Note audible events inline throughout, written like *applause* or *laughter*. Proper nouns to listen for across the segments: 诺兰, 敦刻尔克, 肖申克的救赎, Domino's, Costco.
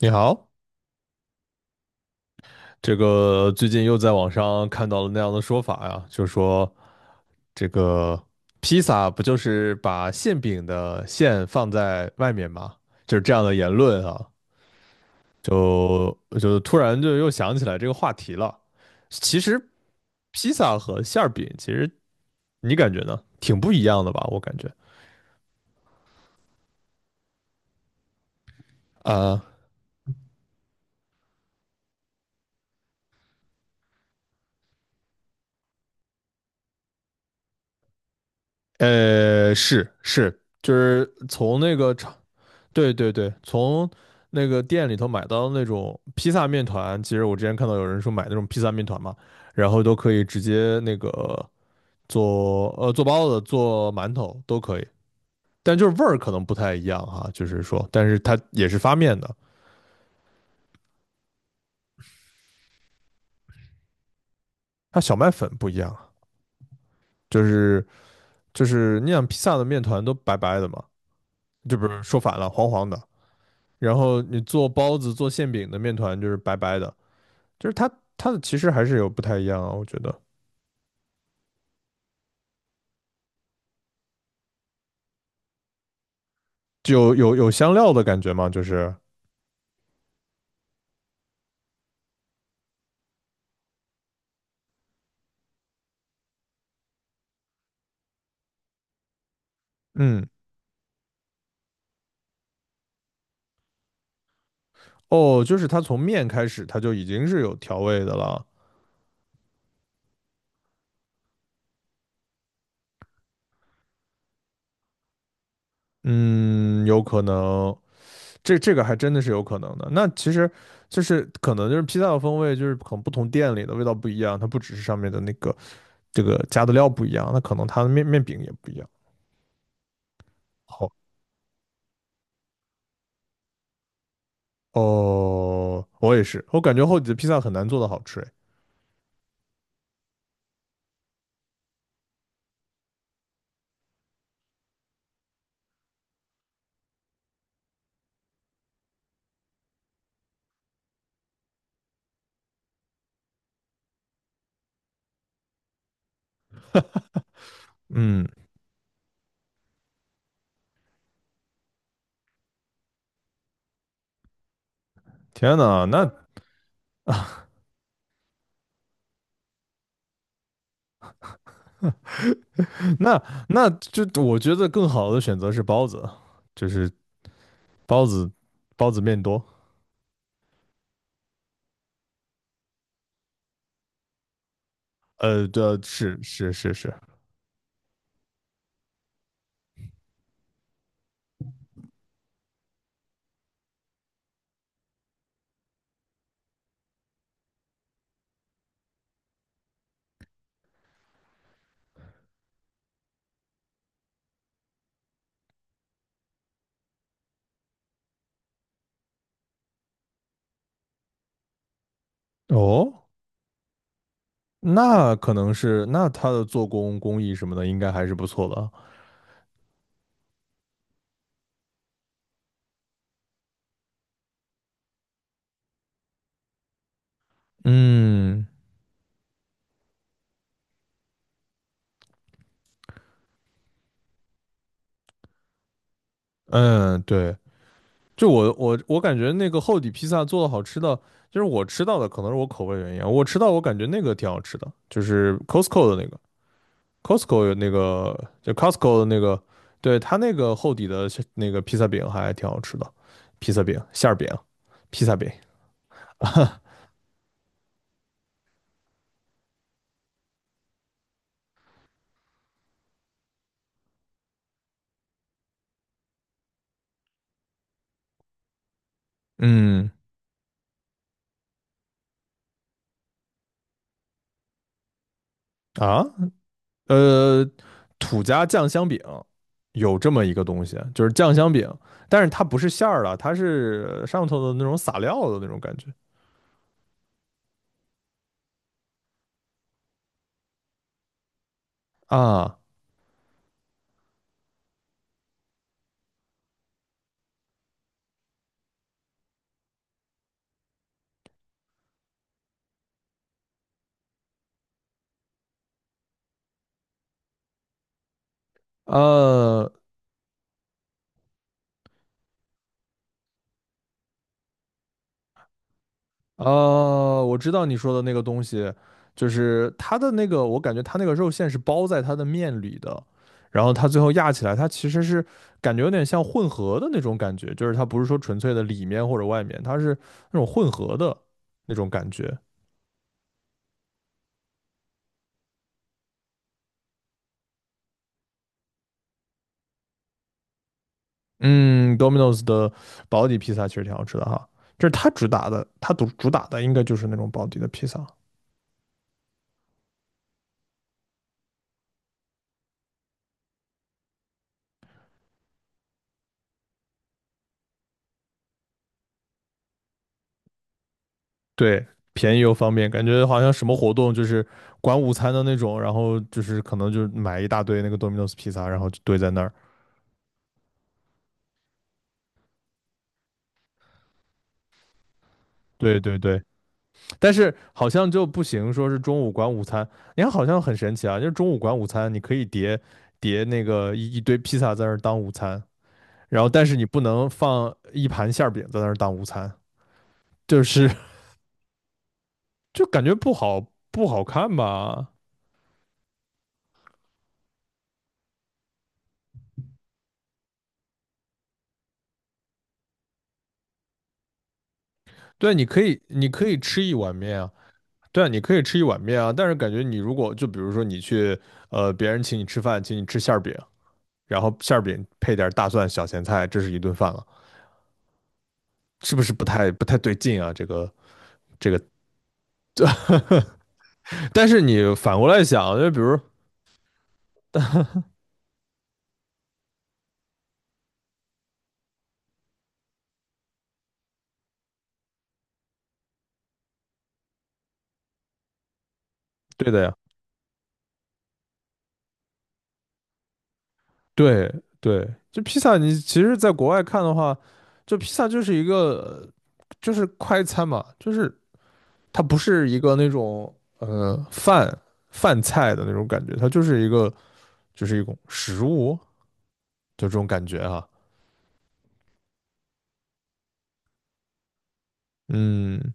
你好，这个最近又在网上看到了那样的说法呀，就说这个披萨不就是把馅饼的馅放在外面吗？就是这样的言论啊，就就突然就又想起来这个话题了。其实披萨和馅儿饼，其实你感觉呢，挺不一样的吧？我感觉啊，是，就是从那个厂，对，从那个店里头买到那种披萨面团，其实我之前看到有人说买那种披萨面团嘛，然后都可以直接那个做做包子、做馒头都可以，但就是味儿可能不太一样哈，就是说，但是它也是发面的，它小麦粉不一样啊，就是就是你想披萨的面团都白白的嘛，这不是说反了，黄黄的，然后你做包子、做馅饼的面团就是白白的。就是它它的其实还是有不太一样啊，我觉得就有香料的感觉嘛，就是嗯，哦，就是它从面开始它就已经是有调味的了，嗯，有可能这个还真的是有可能的。那其实就是可能就是披萨的风味就是可能不同店里的味道不一样，它不只是上面的那个这个加的料不一样，那可能它的面饼也不一样。好，哦，我也是，我感觉后脊的披萨很难做的好吃诶。嗯，天呐，那 *laughs* 那就我觉得更好的选择是包子，就是包子，包子面多。对，是，哦，那可能是那它的做工工艺什么的应该还是不错的。嗯，嗯，对，就我感觉那个厚底披萨做的好吃的，就是我吃到的可能是我口味原因啊，我吃到我感觉那个挺好吃的，就是 Costco 的那个。Costco 有那个，就 Costco 的那个，对，它那个厚底的是那个披萨饼还挺好吃的，披萨饼、馅儿饼、披萨饼。嗯，啊，呃，土家酱香饼有这么一个东西，就是酱香饼，但是它不是馅儿的，它是上头的那种撒料的那种感觉。啊，呃，哦，我知道你说的那个东西，就是它的那个，我感觉它那个肉馅是包在它的面里的，然后它最后压起来，它其实是感觉有点像混合的那种感觉，就是它不是说纯粹的里面或者外面，它是那种混合的那种感觉。嗯，Domino's 的保底披萨其实挺好吃的哈，就是它主打的，它主打的应该就是那种保底的披萨。对，便宜又方便，感觉好像什么活动就是管午餐的那种，然后就是可能就买一大堆那个 Domino's 披萨，然后就堆在那儿。对，但是好像就不行，说是中午管午餐，你看好像很神奇啊，就是中午管午餐，你可以叠那个一堆披萨在那儿当午餐，然后但是你不能放一盘馅儿饼在那儿当午餐，就是 *laughs* 就感觉不好看吧？对，你可以吃一碗面啊。对啊，你可以吃一碗面啊，但是感觉你如果就比如说你去别人请你吃饭，请你吃馅儿饼，然后馅儿饼配点大蒜、小咸菜，这是一顿饭了，是不是不太对劲啊？这个，但是你反过来想，就比如对的呀，对对，就披萨，你其实在国外看的话，就披萨就是一个就是快餐嘛，就是它不是一个那种呃饭饭菜的那种感觉，它就是一个就是一种食物，就这种感觉哈，啊，嗯，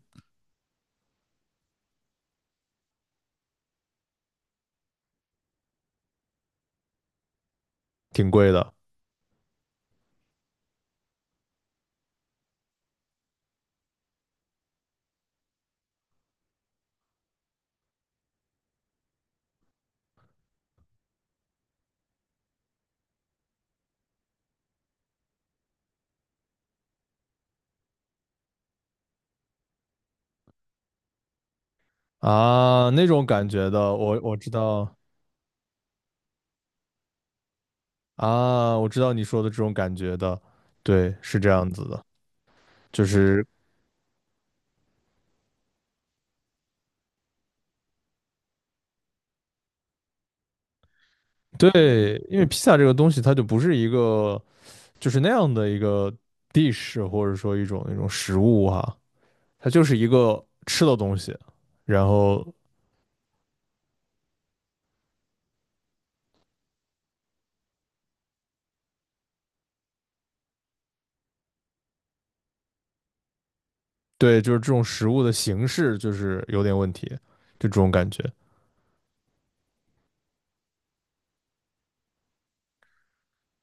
挺贵的啊，那种感觉的，我知道，啊，我知道你说的这种感觉的，对，是这样子的，就是对，因为披萨这个东西，它就不是一个就是那样的一个 dish，或者说一种那种食物哈，它就是一个吃的东西，然后对，就是这种食物的形式就是有点问题，就这种感觉，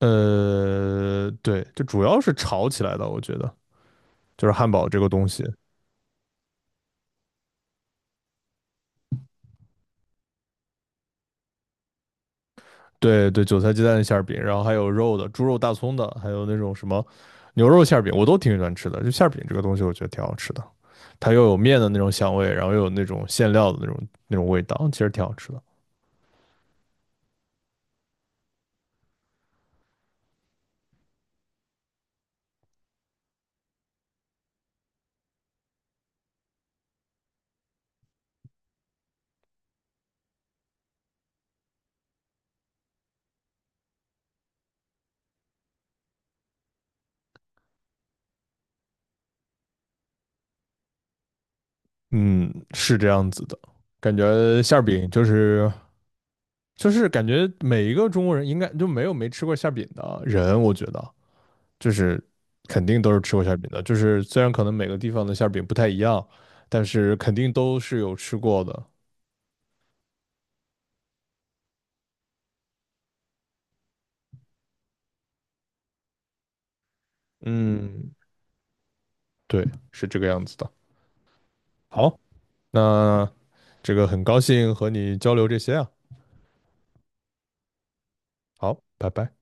对，就主要是炒起来的，我觉得就是汉堡这个东西。对对，韭菜鸡蛋馅儿饼，然后还有肉的，猪肉大葱的，还有那种什么牛肉馅儿饼，我都挺喜欢吃的。就馅儿饼这个东西，我觉得挺好吃的，它又有面的那种香味，然后又有那种馅料的那种味道，其实挺好吃的。嗯，是这样子的，感觉馅儿饼就是感觉每一个中国人应该就没有没吃过馅儿饼的人，我觉得就是肯定都是吃过馅儿饼的，就是虽然可能每个地方的馅儿饼不太一样，但是肯定都是有吃过的。嗯。对，是这个样子的。好，那这个很高兴和你交流这些啊，好，拜拜。